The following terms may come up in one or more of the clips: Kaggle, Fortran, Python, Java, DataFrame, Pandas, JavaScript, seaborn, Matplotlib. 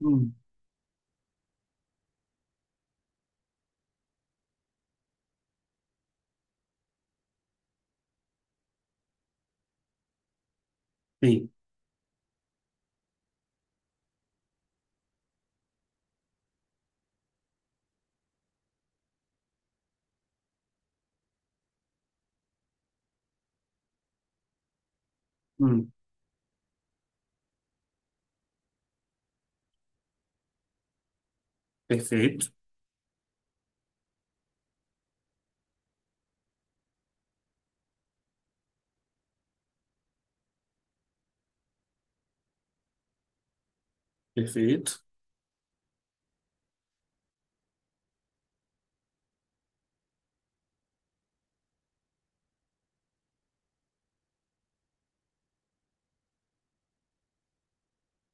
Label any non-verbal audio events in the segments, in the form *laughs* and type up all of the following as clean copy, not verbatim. Hum, sim. Hum, perfeito. Perfeito.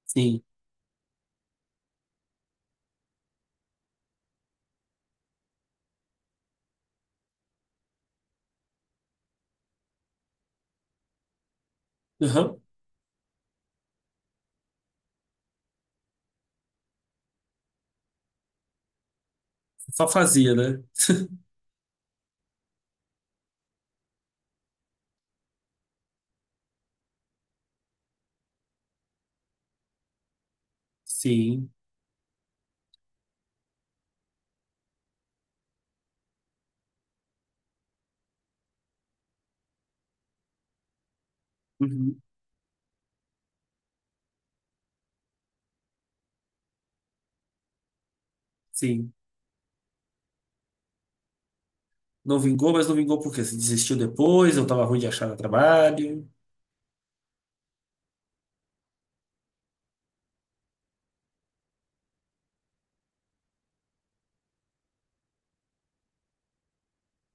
Sim. Aham. Só fazia, né? Sim. Uhum. Sim. Não vingou, mas não vingou porque quê? Desistiu depois, eu tava ruim de achar trabalho.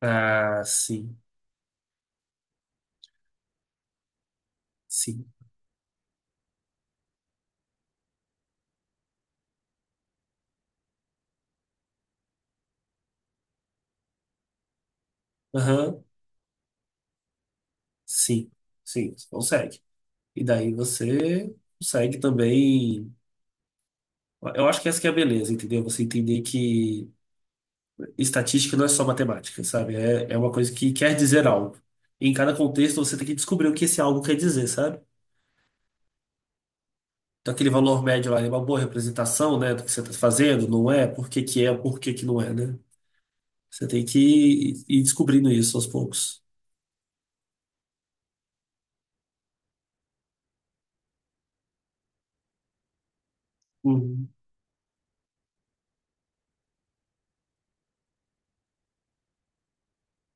Ah, sim. Sim. Aham. Sim. Sim, você consegue. E daí você consegue também. Eu acho que essa que é a beleza, entendeu? Você entender que estatística não é só matemática, sabe? É, é uma coisa que quer dizer algo. Em cada contexto você tem que descobrir o que esse algo quer dizer, sabe? Então, aquele valor médio lá ele é uma boa representação, né, do que você está fazendo, não é? Por que que é, por que que não é, né? Você tem que ir descobrindo isso aos poucos. Uhum.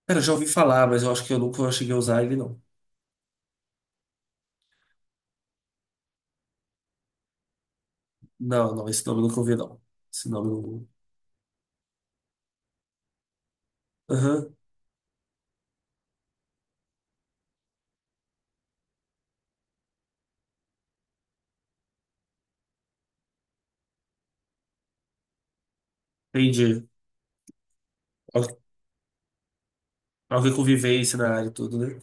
Cara, eu já ouvi falar, mas eu acho que eu nunca cheguei a usar ele, não. Não, não, esse nome eu nunca ouvi, não. Esse nome eu não... Aham, entendi. Al- Alguém com vivência na área e tudo, né?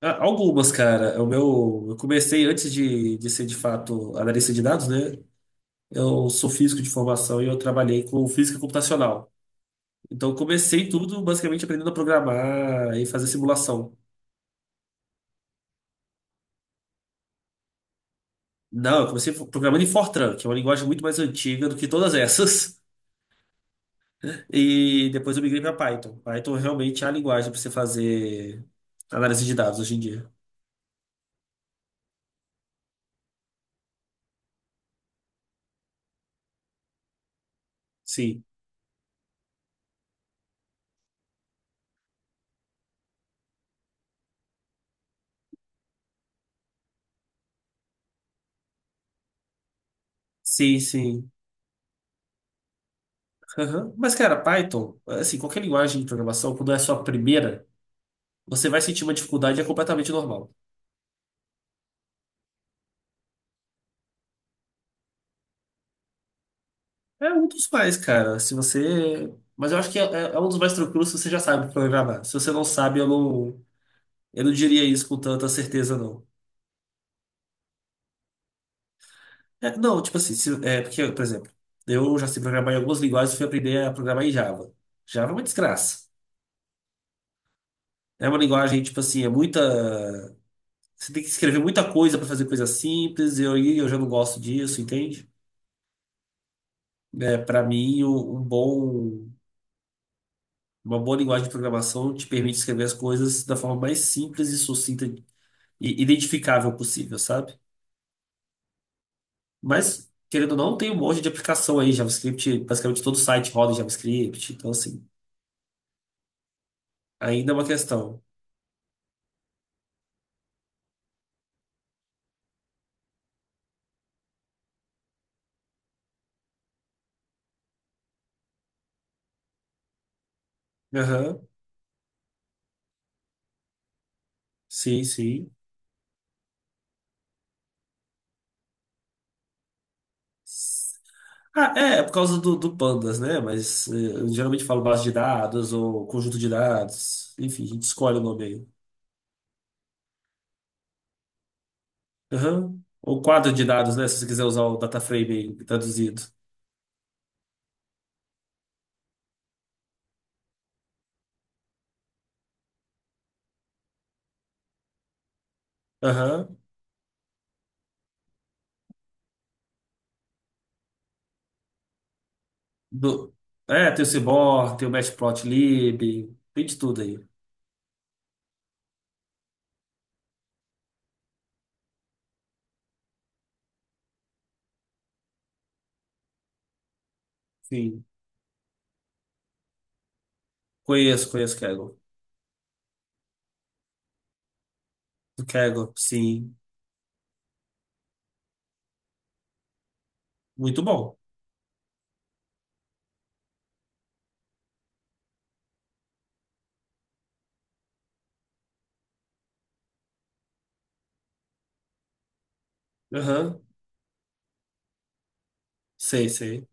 Ah, algumas, cara. É o meu... Eu comecei antes de ser, de fato, analista de dados, né? Eu sou físico de formação e eu trabalhei com física computacional. Então, eu comecei tudo basicamente aprendendo a programar e fazer simulação. Não, eu comecei programando em Fortran, que é uma linguagem muito mais antiga do que todas essas. *laughs* E depois eu migrei para Python. Python realmente é a linguagem para você fazer análise de dados hoje em dia. Sim, sim, sim. Aham. Mas, cara, Python, assim, qualquer linguagem de programação, quando é a sua primeira, você vai sentir uma dificuldade, é completamente normal. É um dos mais, cara. Se você. Mas eu acho que é, é um dos mais tranquilos se você já sabe programar. Se você não sabe, eu não. Eu não diria isso com tanta certeza, não. É, não, tipo assim, se- é, porque, por exemplo, eu já sei programar em algumas linguagens e fui aprender a programar em Java. Java é uma desgraça. É uma linguagem, tipo assim, é muita. Você tem que escrever muita coisa para fazer coisa simples, e eu já não gosto disso, entende? É, para mim, um bom, uma boa linguagem de programação te permite escrever as coisas da forma mais simples e sucinta e identificável possível, sabe? Mas, querendo ou não, tem um monte de aplicação aí. JavaScript, basicamente todo site roda em JavaScript. Então, assim, ainda é uma questão. Aham, sim, sim. Ah, é, é por causa do Pandas, né? Mas eu geralmente falo base de dados ou conjunto de dados. Enfim, a gente escolhe o nome aí. Aham. Ou quadro de dados, né? Se você quiser usar o DataFrame aí, traduzido. Aham. Do... É, tem o seaborn tem o Matplotlib, tem de tudo aí. Sim. Conheço, conheço o Kaggle. O Kaggle, sim. Muito bom. Aham. Sei, sei.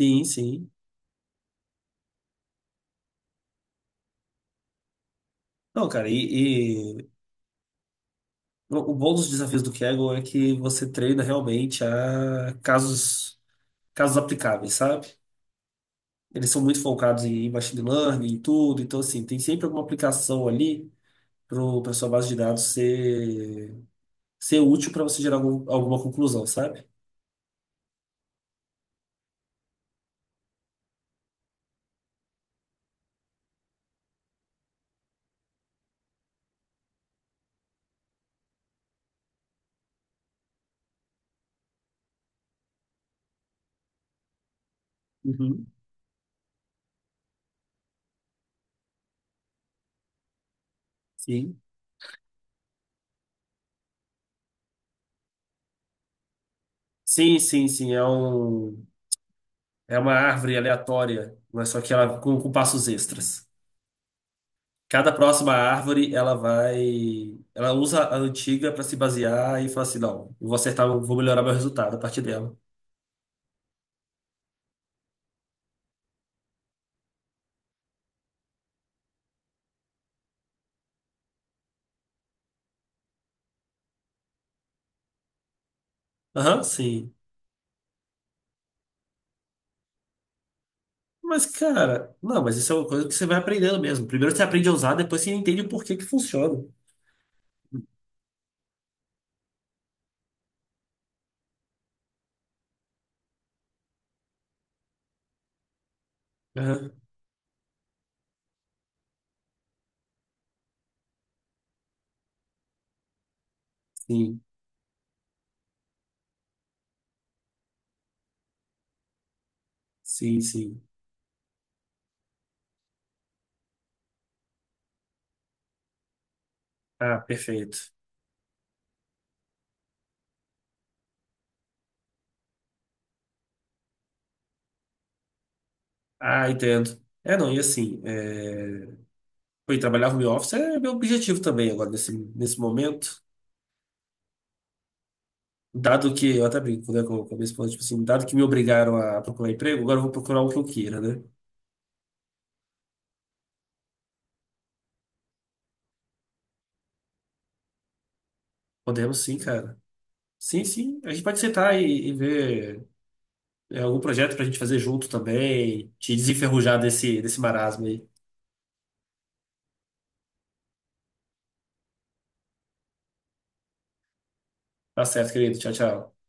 Sim, sim. Não, cara, e o bom dos desafios do Kaggle é que você treina realmente a casos, casos aplicáveis, sabe? Eles são muito focados em machine learning e tudo, então, assim, tem sempre alguma aplicação ali para sua base de dados ser, ser útil para você gerar algum- alguma conclusão, sabe? Uhum. Sim. Sim, sim, sim. É um. É uma árvore aleatória, mas só que ela com passos extras. Cada próxima árvore, ela vai. Ela usa a antiga para se basear e fala assim: não, eu vou acertar, eu vou melhorar meu resultado a partir dela. Aham, sim. Mas, cara, não, mas isso é uma coisa que você vai aprendendo mesmo. Primeiro você aprende a usar, depois você entende o porquê que funciona. Aham, sim, sim, sim. Ah, perfeito. Ah, entendo. É, não, e assim, é... Pô, e trabalhar home office é meu objetivo também agora, nesse, nesse momento. Dado que, eu até brinco, né, com a minha esposa, tipo assim, dado que me obrigaram a procurar emprego, agora eu vou procurar o que eu queira, né? Podemos sim, cara. Sim, sim. A gente pode sentar e ver é, algum projeto pra gente fazer junto também, te desenferrujar desse, desse marasmo aí. Tá certo, querido. Tchau, tchau.